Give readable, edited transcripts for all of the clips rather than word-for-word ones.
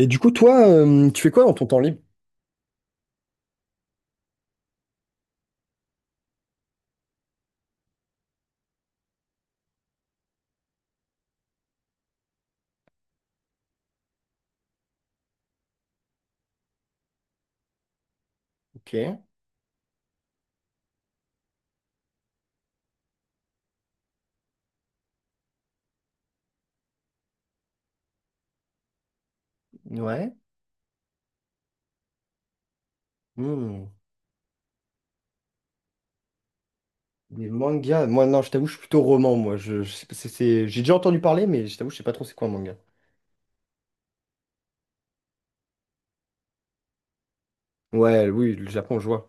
Et du coup, toi, tu fais quoi dans ton temps libre? Ok, ouais. Hmm. Des mangas. Moi, non, je t'avoue, je suis plutôt roman, moi. Je sais pas, j'ai déjà entendu parler, mais je t'avoue, je sais pas trop c'est quoi un manga. Ouais, oui, le Japon, je vois.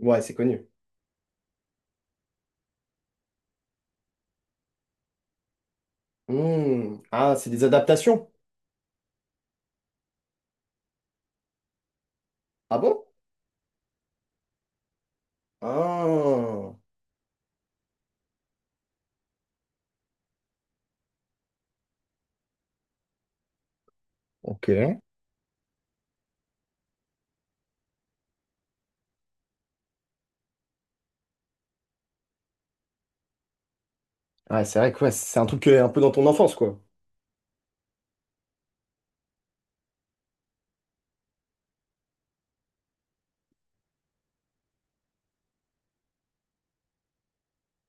Ouais, c'est connu. Hmm. Ah, c'est des adaptations. Ah bon? Ah. Ok. Ouais, c'est vrai que ouais, c'est un truc un peu dans ton enfance, quoi.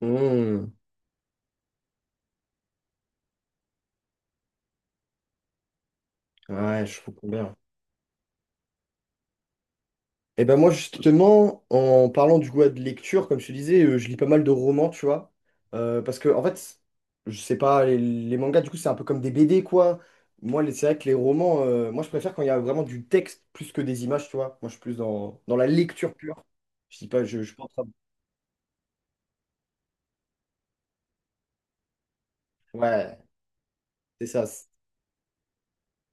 Hmm. Ouais, je comprends bien. Et ben moi justement, en parlant du goût de lecture, comme je te disais, je lis pas mal de romans, tu vois. Parce que en fait, je sais pas, les mangas, du coup, c'est un peu comme des BD, quoi. Moi, c'est vrai que les romans, moi je préfère quand il y a vraiment du texte plus que des images, tu vois. Moi je suis plus dans la lecture pure. Je dis pas, je suis pas en train de- Ouais, c'est ça.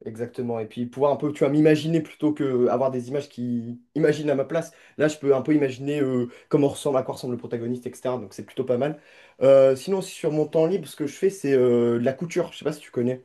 Exactement. Et puis pouvoir un peu, tu vois, m'imaginer plutôt que avoir des images qui imaginent à ma place. Là, je peux un peu imaginer à quoi ressemble le protagoniste, etc. Donc c'est plutôt pas mal. Sinon, sur mon temps libre, ce que je fais, c'est de la couture. Je sais pas si tu connais.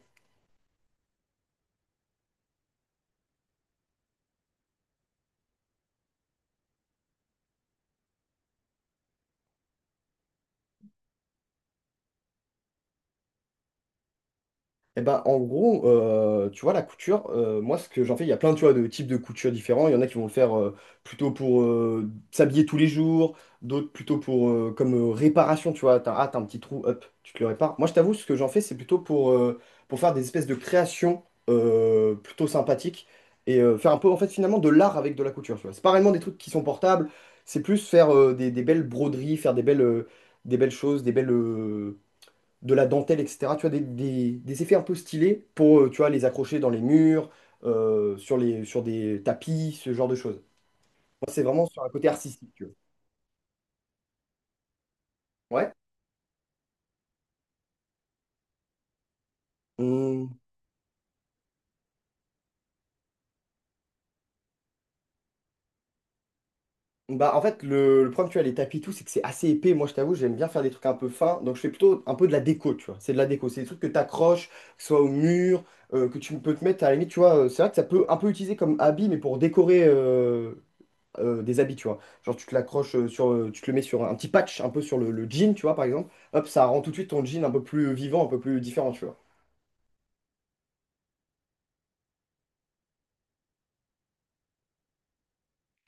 Eh ben, en gros, tu vois, la couture, moi, ce que j'en fais, il y a plein, tu vois, de types de couture différents. Il y en a qui vont le faire plutôt pour s'habiller tous les jours, d'autres plutôt pour comme réparation, tu vois. T'as un petit trou, hop, tu te le répares. Moi, je t'avoue, ce que j'en fais, c'est plutôt pour faire des espèces de créations plutôt sympathiques et faire un peu, en fait, finalement, de l'art avec de la couture, tu vois. C'est pas réellement des trucs qui sont portables, c'est plus faire des belles broderies, faire des belles choses, de la dentelle, etc. Tu vois, des effets un peu stylés pour, tu vois, les accrocher dans les murs, sur des tapis, ce genre de choses. Moi, c'est vraiment sur un côté artistique, tu vois. Ouais. Hum, Bah, en fait, le problème, tu vois, les tapis, et tout, c'est que c'est assez épais. Moi, je t'avoue, j'aime bien faire des trucs un peu fins. Donc, je fais plutôt un peu de la déco, tu vois. C'est de la déco. C'est des trucs que tu accroches, que ce soit au mur, que tu peux te mettre à la limite, tu vois. C'est vrai que ça peut un peu utiliser comme habit, mais pour décorer des habits, tu vois. Genre, tu te l'accroches tu te le mets sur un petit patch, un peu sur le jean, tu vois, par exemple. Hop, ça rend tout de suite ton jean un peu plus vivant, un peu plus différent, tu vois.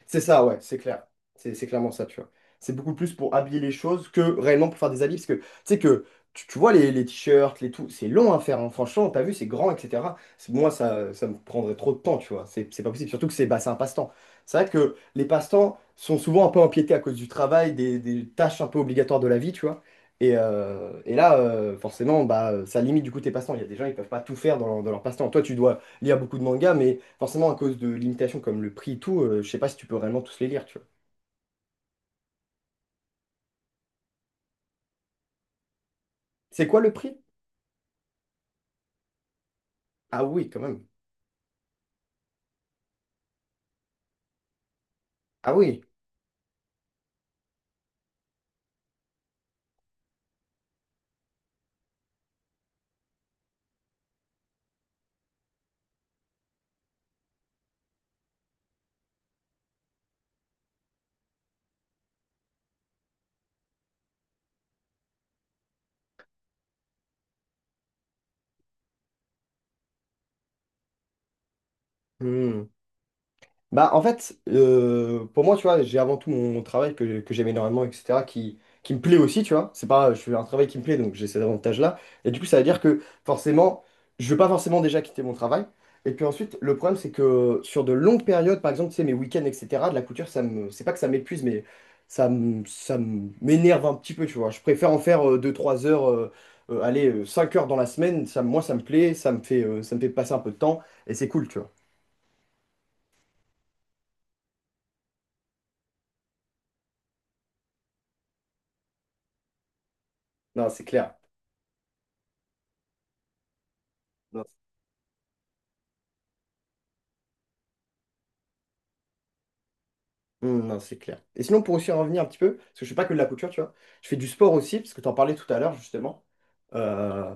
C'est ça, ouais, c'est clair. C'est clairement ça, tu vois. C'est beaucoup plus pour habiller les choses que réellement pour faire des habits. Parce que tu sais que tu vois les t-shirts, les tout, c'est long à faire. Hein. Franchement, t'as vu, c'est grand, etc. Moi, ça me prendrait trop de temps, tu vois. C'est pas possible. Surtout que c'est un passe-temps. C'est vrai que les passe-temps sont souvent un peu empiétés à cause du travail, des tâches un peu obligatoires de la vie, tu vois. Et là, forcément, bah, ça limite du coup tes passe-temps. Il y a des gens, ils peuvent pas tout faire dans leur passe-temps. Toi, tu dois lire beaucoup de mangas, mais forcément à cause de limitations comme le prix et tout, je sais pas si tu peux réellement tous les lire, tu vois. C'est quoi le prix? Ah oui, quand même. Ah oui. Hmm. Bah, en fait, pour moi, tu vois, j'ai avant tout mon travail que j'aime énormément, etc., qui me plaît aussi, tu vois. C'est pas, je fais un travail qui me plaît, donc j'ai cet avantage-là. Et du coup, ça veut dire que forcément, je veux pas forcément déjà quitter mon travail. Et puis ensuite, le problème, c'est que sur de longues périodes, par exemple, tu sais, mes week-ends, etc., de la couture, c'est pas que ça m'épuise, mais m'énerve un petit peu, tu vois. Je préfère en faire deux trois heures, allez, 5 heures dans la semaine. Ça, moi, ça me plaît, ça me fait, passer un peu de temps, et c'est cool, tu vois. Non, c'est clair. Non, c'est clair. Et sinon, pour aussi en revenir un petit peu, parce que je fais pas que de la couture, tu vois, je fais du sport aussi, parce que tu en parlais tout à l'heure, justement. Euh,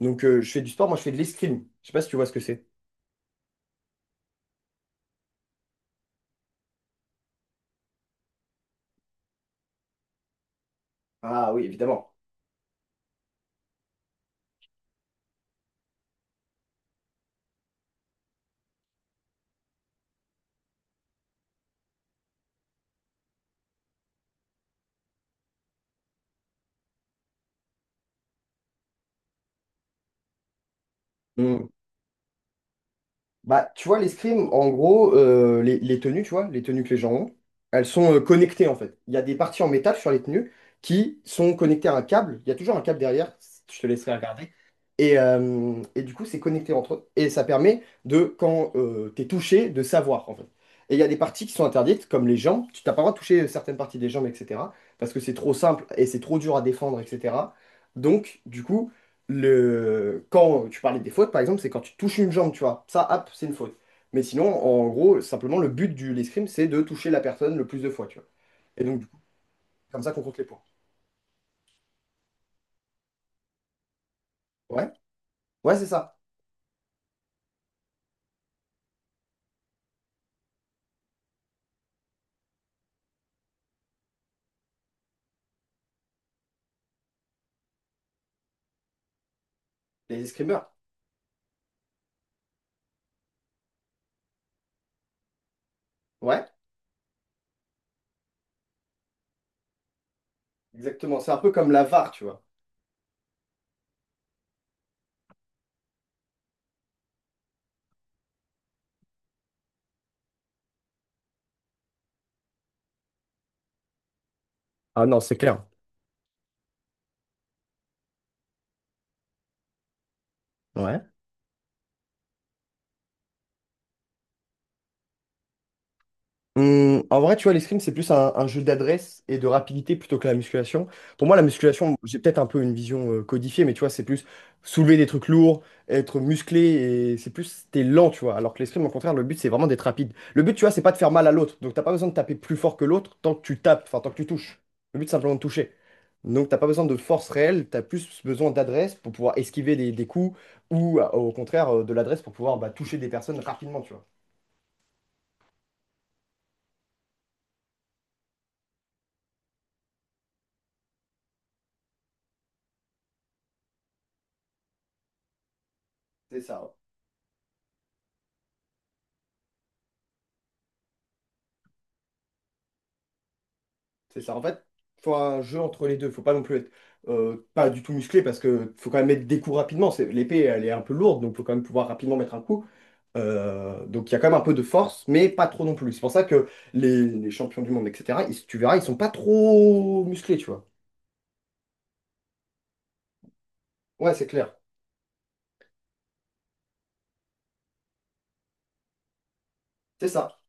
donc, je fais du sport, moi, je fais de l'escrime. Je sais pas si tu vois ce que c'est. Ah oui, évidemment. Bah, tu vois, l'escrime, en gros, les tenues, tu vois, les tenues que les gens ont, elles sont connectées en fait. Il y a des parties en métal sur les tenues qui sont connectées à un câble. Il y a toujours un câble derrière, je te laisserai regarder. Et du coup, c'est connecté entre eux. Et ça permet de, quand t'es touché, de savoir en fait. Et il y a des parties qui sont interdites, comme les jambes. Tu t'as pas le droit de toucher certaines parties des jambes, etc. Parce que c'est trop simple et c'est trop dur à défendre, etc. Donc, du coup. Quand tu parlais des fautes, par exemple, c'est quand tu touches une jambe, tu vois. Ça, hop, c'est une faute. Mais sinon, en gros, simplement, le but de l'escrime, c'est de toucher la personne le plus de fois, tu vois. Et donc, du coup, c'est comme ça qu'on compte les points. Ouais, ouais, c'est ça. Les escrimeurs. Ouais, exactement. C'est un peu comme la VAR, tu vois. Ah non, c'est clair. Ouais. En vrai, tu vois, l'escrime, c'est plus un jeu d'adresse et de rapidité plutôt que la musculation. Pour moi, la musculation, j'ai peut-être un peu une vision codifiée, mais tu vois, c'est plus soulever des trucs lourds, être musclé, et c'est plus, t'es lent, tu vois. Alors que l'escrime, au contraire, le but, c'est vraiment d'être rapide. Le but, tu vois, c'est pas de faire mal à l'autre. Donc, t'as pas besoin de taper plus fort que l'autre tant que tu tapes, enfin, tant que tu touches. Le but, c'est simplement de toucher. Donc, t'as pas besoin de force réelle, t'as plus besoin d'adresse pour pouvoir esquiver des coups ou, au contraire, de l'adresse pour pouvoir bah, toucher des personnes rapidement, tu vois. C'est ça. Ouais. C'est ça. En fait, faut un jeu entre les deux. Faut pas non plus être pas du tout musclé parce que faut quand même mettre des coups rapidement. L'épée, elle est un peu lourde, donc faut quand même pouvoir rapidement mettre un coup. Donc il y a quand même un peu de force, mais pas trop non plus. C'est pour ça que les champions du monde, etc., tu verras, ils sont pas trop musclés, tu vois. Ouais, c'est clair. C'est ça.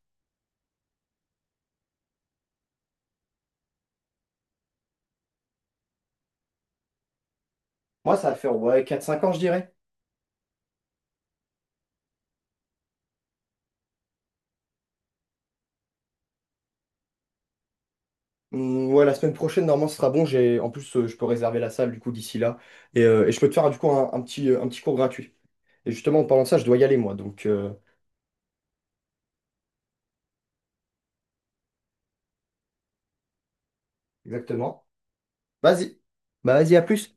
Moi, ça va faire ouais, quatre cinq ans, je dirais. Ouais, la semaine prochaine, normalement, ce sera bon. En plus, je peux réserver la salle, du coup, d'ici là. Et je peux te faire, du coup, un petit cours gratuit. Et justement, en parlant de ça, je dois y aller, moi. Exactement. Vas-y. Bah vas-y, à plus.